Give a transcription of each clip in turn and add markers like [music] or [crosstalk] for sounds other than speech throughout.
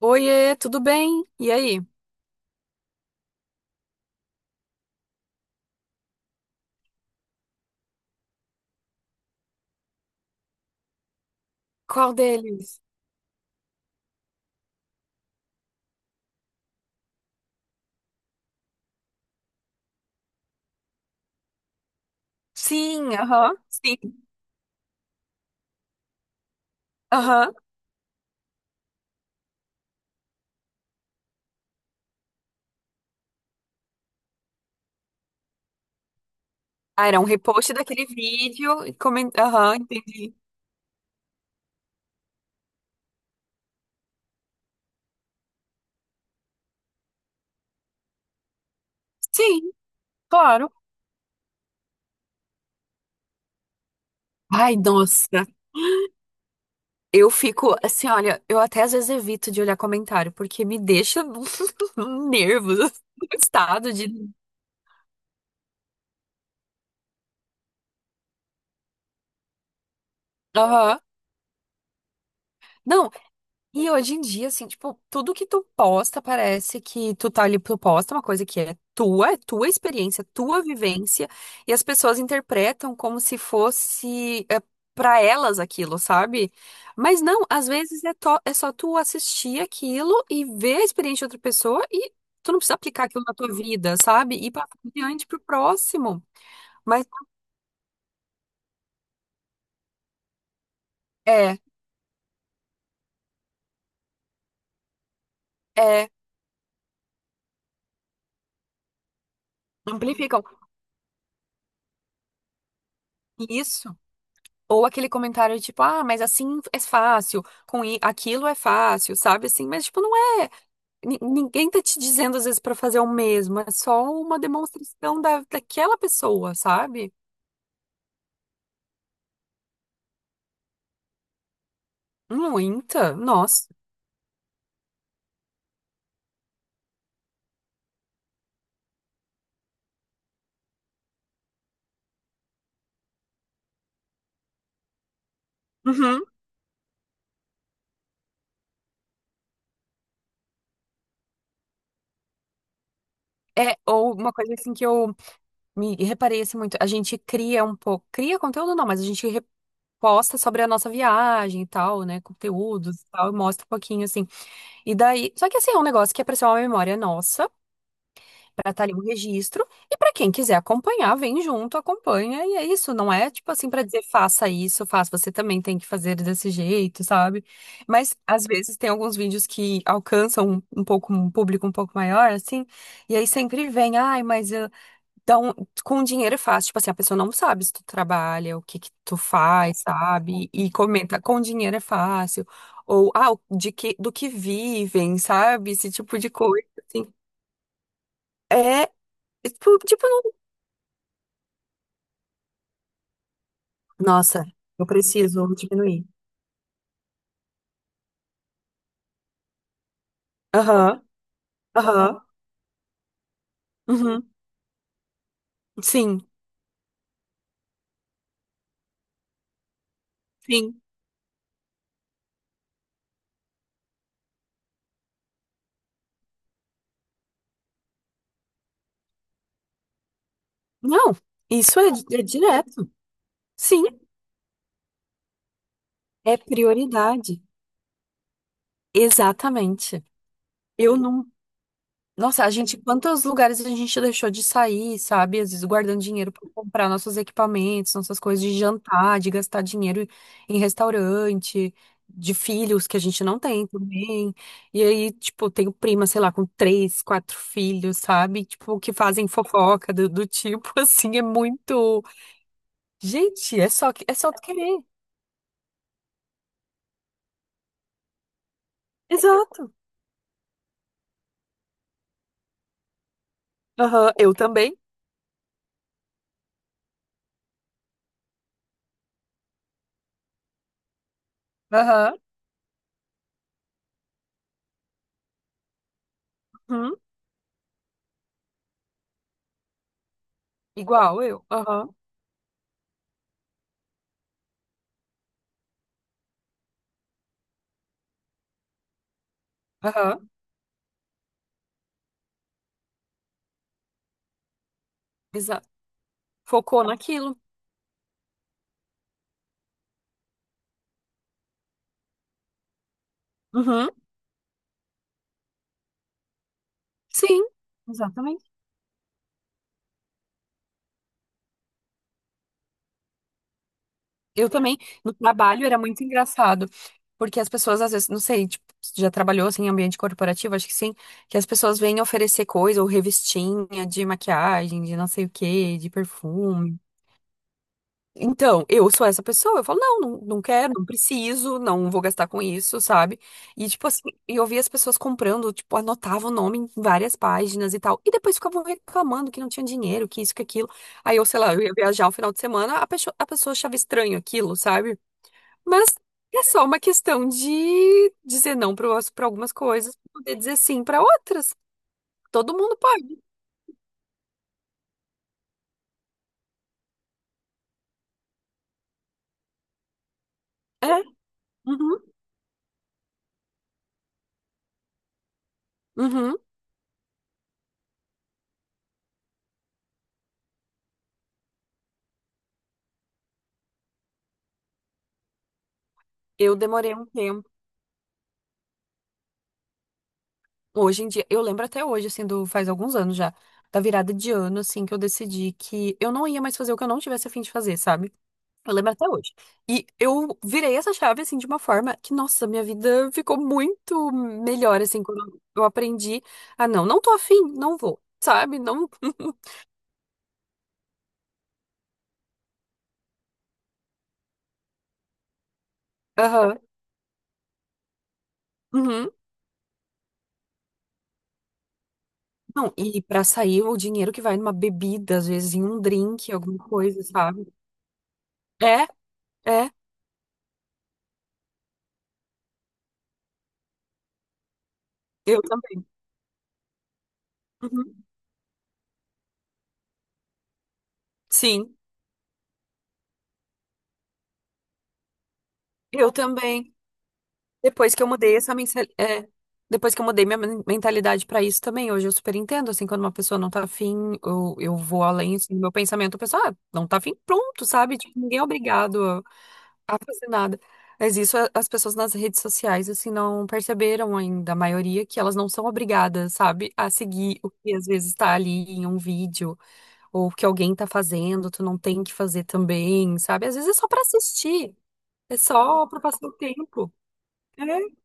Oiê, tudo bem? E aí? Qual deles? Sim, aham, sim, aham. Ah, era um repost daquele vídeo e coment... Aham, entendi. Sim, claro. Ai, nossa, eu fico assim, olha, eu até às vezes evito de olhar comentário, porque me deixa [laughs] nervos, [laughs] estado de... Aham. Não. E hoje em dia, assim, tipo, tudo que tu posta parece que tu tá ali, tu posta uma coisa que é tua experiência, tua vivência, e as pessoas interpretam como se fosse é, para elas aquilo, sabe? Mas não, às vezes é, é só tu assistir aquilo e ver a experiência de outra pessoa, e tu não precisa aplicar aquilo na tua vida, sabe? E passar adiante pro próximo. Mas é, é, amplificam. Isso. Ou aquele comentário tipo, ah, mas assim é fácil, aquilo é fácil, sabe assim? Mas, tipo, não é. Ninguém tá te dizendo às vezes pra fazer o mesmo, é só uma demonstração da, daquela pessoa, sabe? Muita, nossa. Uhum. É, ou uma coisa assim que eu me reparei assim muito, a gente cria um pouco, cria conteúdo não, mas a gente reposta sobre a nossa viagem e tal, né, conteúdos e tal, e mostra um pouquinho assim. E daí, só que assim, é um negócio que é pra ser uma memória nossa, para estar ali um registro e para quem quiser acompanhar, vem junto, acompanha e é isso, não é tipo assim para dizer faça isso, faça, você também tem que fazer desse jeito, sabe? Mas às vezes tem alguns vídeos que alcançam um, um pouco um público um pouco maior assim, e aí sempre vem, ai, mas eu... Então com dinheiro é fácil, tipo assim, a pessoa não sabe se tu trabalha, o que que tu faz, sabe? E comenta com dinheiro é fácil. Ou, ah, de que, do que vivem, sabe? Esse tipo de coisa, assim. É. Tipo, nossa, eu preciso diminuir. Aham, aham, uhum, sim, sim. Não, isso é direto. Sim, é prioridade. Exatamente. Eu não Nossa, a gente, quantos lugares a gente deixou de sair, sabe? Às vezes guardando dinheiro para comprar nossos equipamentos, nossas coisas de jantar, de gastar dinheiro em restaurante, de filhos que a gente não tem também. E aí, tipo, tenho prima, sei lá, com três, quatro filhos, sabe? Tipo, que fazem fofoca do tipo, [laughs] assim, é muito. Gente, é só, é só tu querer. Exato. Aham, eu também. Aham. Uhum. Igual eu. Aham. Aham. Exato. Focou naquilo. Uhum. Sim, exatamente. Eu também, no trabalho era muito engraçado, porque as pessoas às vezes, não sei, tipo, se já trabalhou assim em ambiente corporativo, acho que sim, que as pessoas vêm oferecer coisa ou revistinha de maquiagem, de não sei o quê, de perfume. Então, eu sou essa pessoa. Eu falo, não, não, não quero, não preciso, não vou gastar com isso, sabe? E, tipo assim, eu via as pessoas comprando, tipo, anotava o nome em várias páginas e tal. E depois ficavam reclamando que não tinha dinheiro, que isso, que aquilo. Aí eu, sei lá, eu ia viajar um final de semana, a pessoa achava estranho aquilo, sabe? Mas é só uma questão de dizer não para algumas coisas, poder dizer sim para outras. Todo mundo pode. É. Uhum, uhum. Eu demorei um tempo. Hoje em dia, eu lembro até hoje, assim, do, faz alguns anos já, da virada de ano, assim, que eu decidi que eu não ia mais fazer o que eu não tivesse a fim de fazer, sabe? Eu lembro até hoje. E eu virei essa chave, assim, de uma forma que, nossa, minha vida ficou muito melhor, assim, quando eu aprendi a não, não tô afim, não vou, sabe? Não. [laughs] Aham. Uhum. Não, e pra sair o dinheiro que vai numa bebida, às vezes em um drink, alguma coisa, sabe? É, é, eu também. Uhum. Sim, eu também. Depois que eu mudei essa mensalidade. É, depois que eu mudei minha mentalidade pra isso também, hoje eu super entendo, assim, quando uma pessoa não tá afim, eu vou além, assim, do meu pensamento, eu penso, ah, não tá afim, pronto, sabe? Tipo, ninguém é obrigado a fazer nada. Mas isso as pessoas nas redes sociais, assim, não perceberam ainda, a maioria, que elas não são obrigadas, sabe, a seguir o que às vezes tá ali em um vídeo, ou o que alguém tá fazendo, tu não tem que fazer também, sabe? Às vezes é só pra assistir, é só pra passar o tempo. É.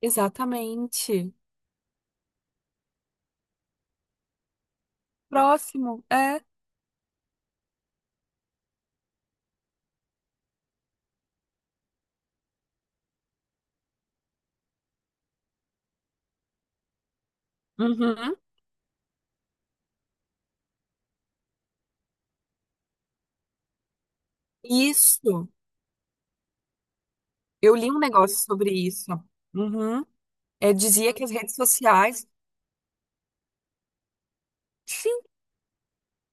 Exatamente. Próximo, é. Uhum. Isso. Eu li um negócio sobre isso. Uhum. É, dizia que as redes sociais. Sim,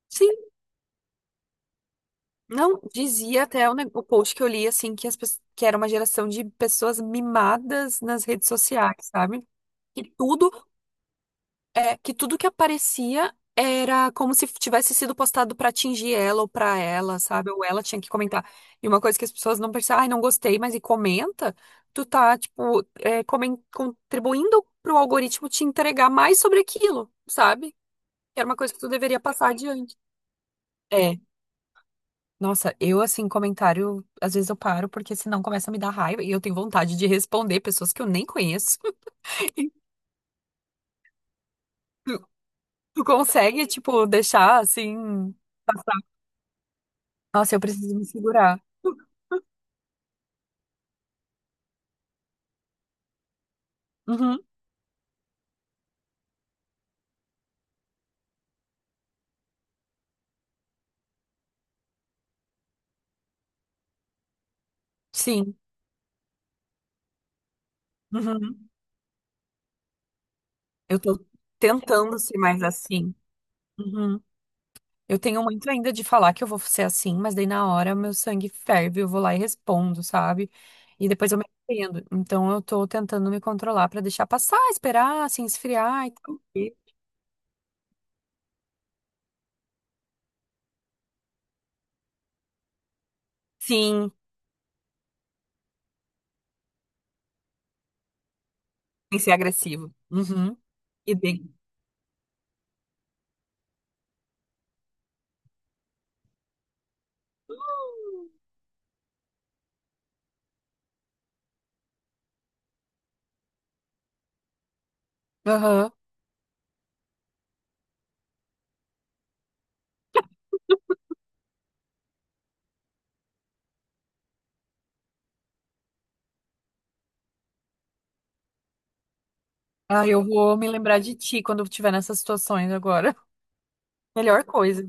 sim. Não, dizia até o post que eu li, assim, que, que era uma geração de pessoas mimadas nas redes sociais, sabe? Que tudo que tudo que aparecia era como se tivesse sido postado pra atingir ela ou pra ela, sabe? Ou ela tinha que comentar. E uma coisa que as pessoas não percebem, ai, não gostei, mas e comenta, tu tá, tipo, é, contribuindo pro algoritmo te entregar mais sobre aquilo, sabe? Que era uma coisa que tu deveria passar adiante. É. Nossa, eu assim, comentário, às vezes eu paro, porque senão começa a me dar raiva e eu tenho vontade de responder pessoas que eu nem conheço. [laughs] Tu, tu consegue, tipo, deixar assim. Nossa, eu preciso me segurar. Uhum, sim. Uhum. Eu tô tentando ser mais assim. Uhum. Eu tenho muito ainda de falar que eu vou ser assim, mas daí na hora meu sangue ferve, eu vou lá e respondo, sabe? E depois eu me arrependo. Então eu tô tentando me controlar pra deixar passar, esperar, assim, esfriar e tal. Sim, sem ser agressivo. Uhum. E bem. Aham. Ah, eu vou me lembrar de ti quando eu estiver nessas situações agora. [laughs] Melhor coisa.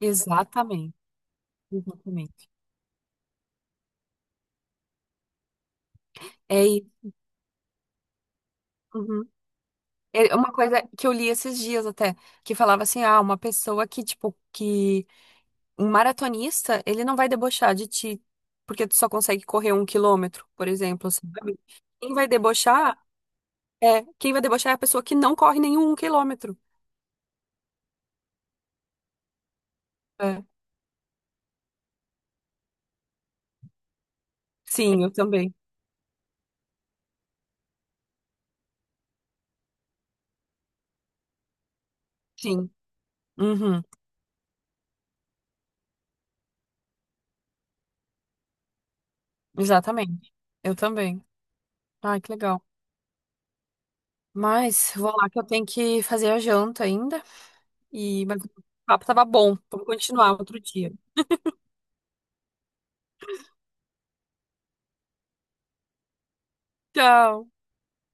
Exatamente. Exatamente. É. Uhum. É uma coisa que eu li esses dias até, que falava assim, ah, uma pessoa que, tipo, que um maratonista, ele não vai debochar de ti, porque tu só consegue correr 1 quilômetro, por exemplo, sabe? Quem vai debochar é a pessoa que não corre nenhum 1 quilômetro. É. Sim, eu também. Sim. Uhum. Exatamente. Eu também. Ai, que legal. Mas vou lá que eu tenho que fazer a janta ainda. E mas o papo tava bom. Vamos continuar outro dia. Tchau.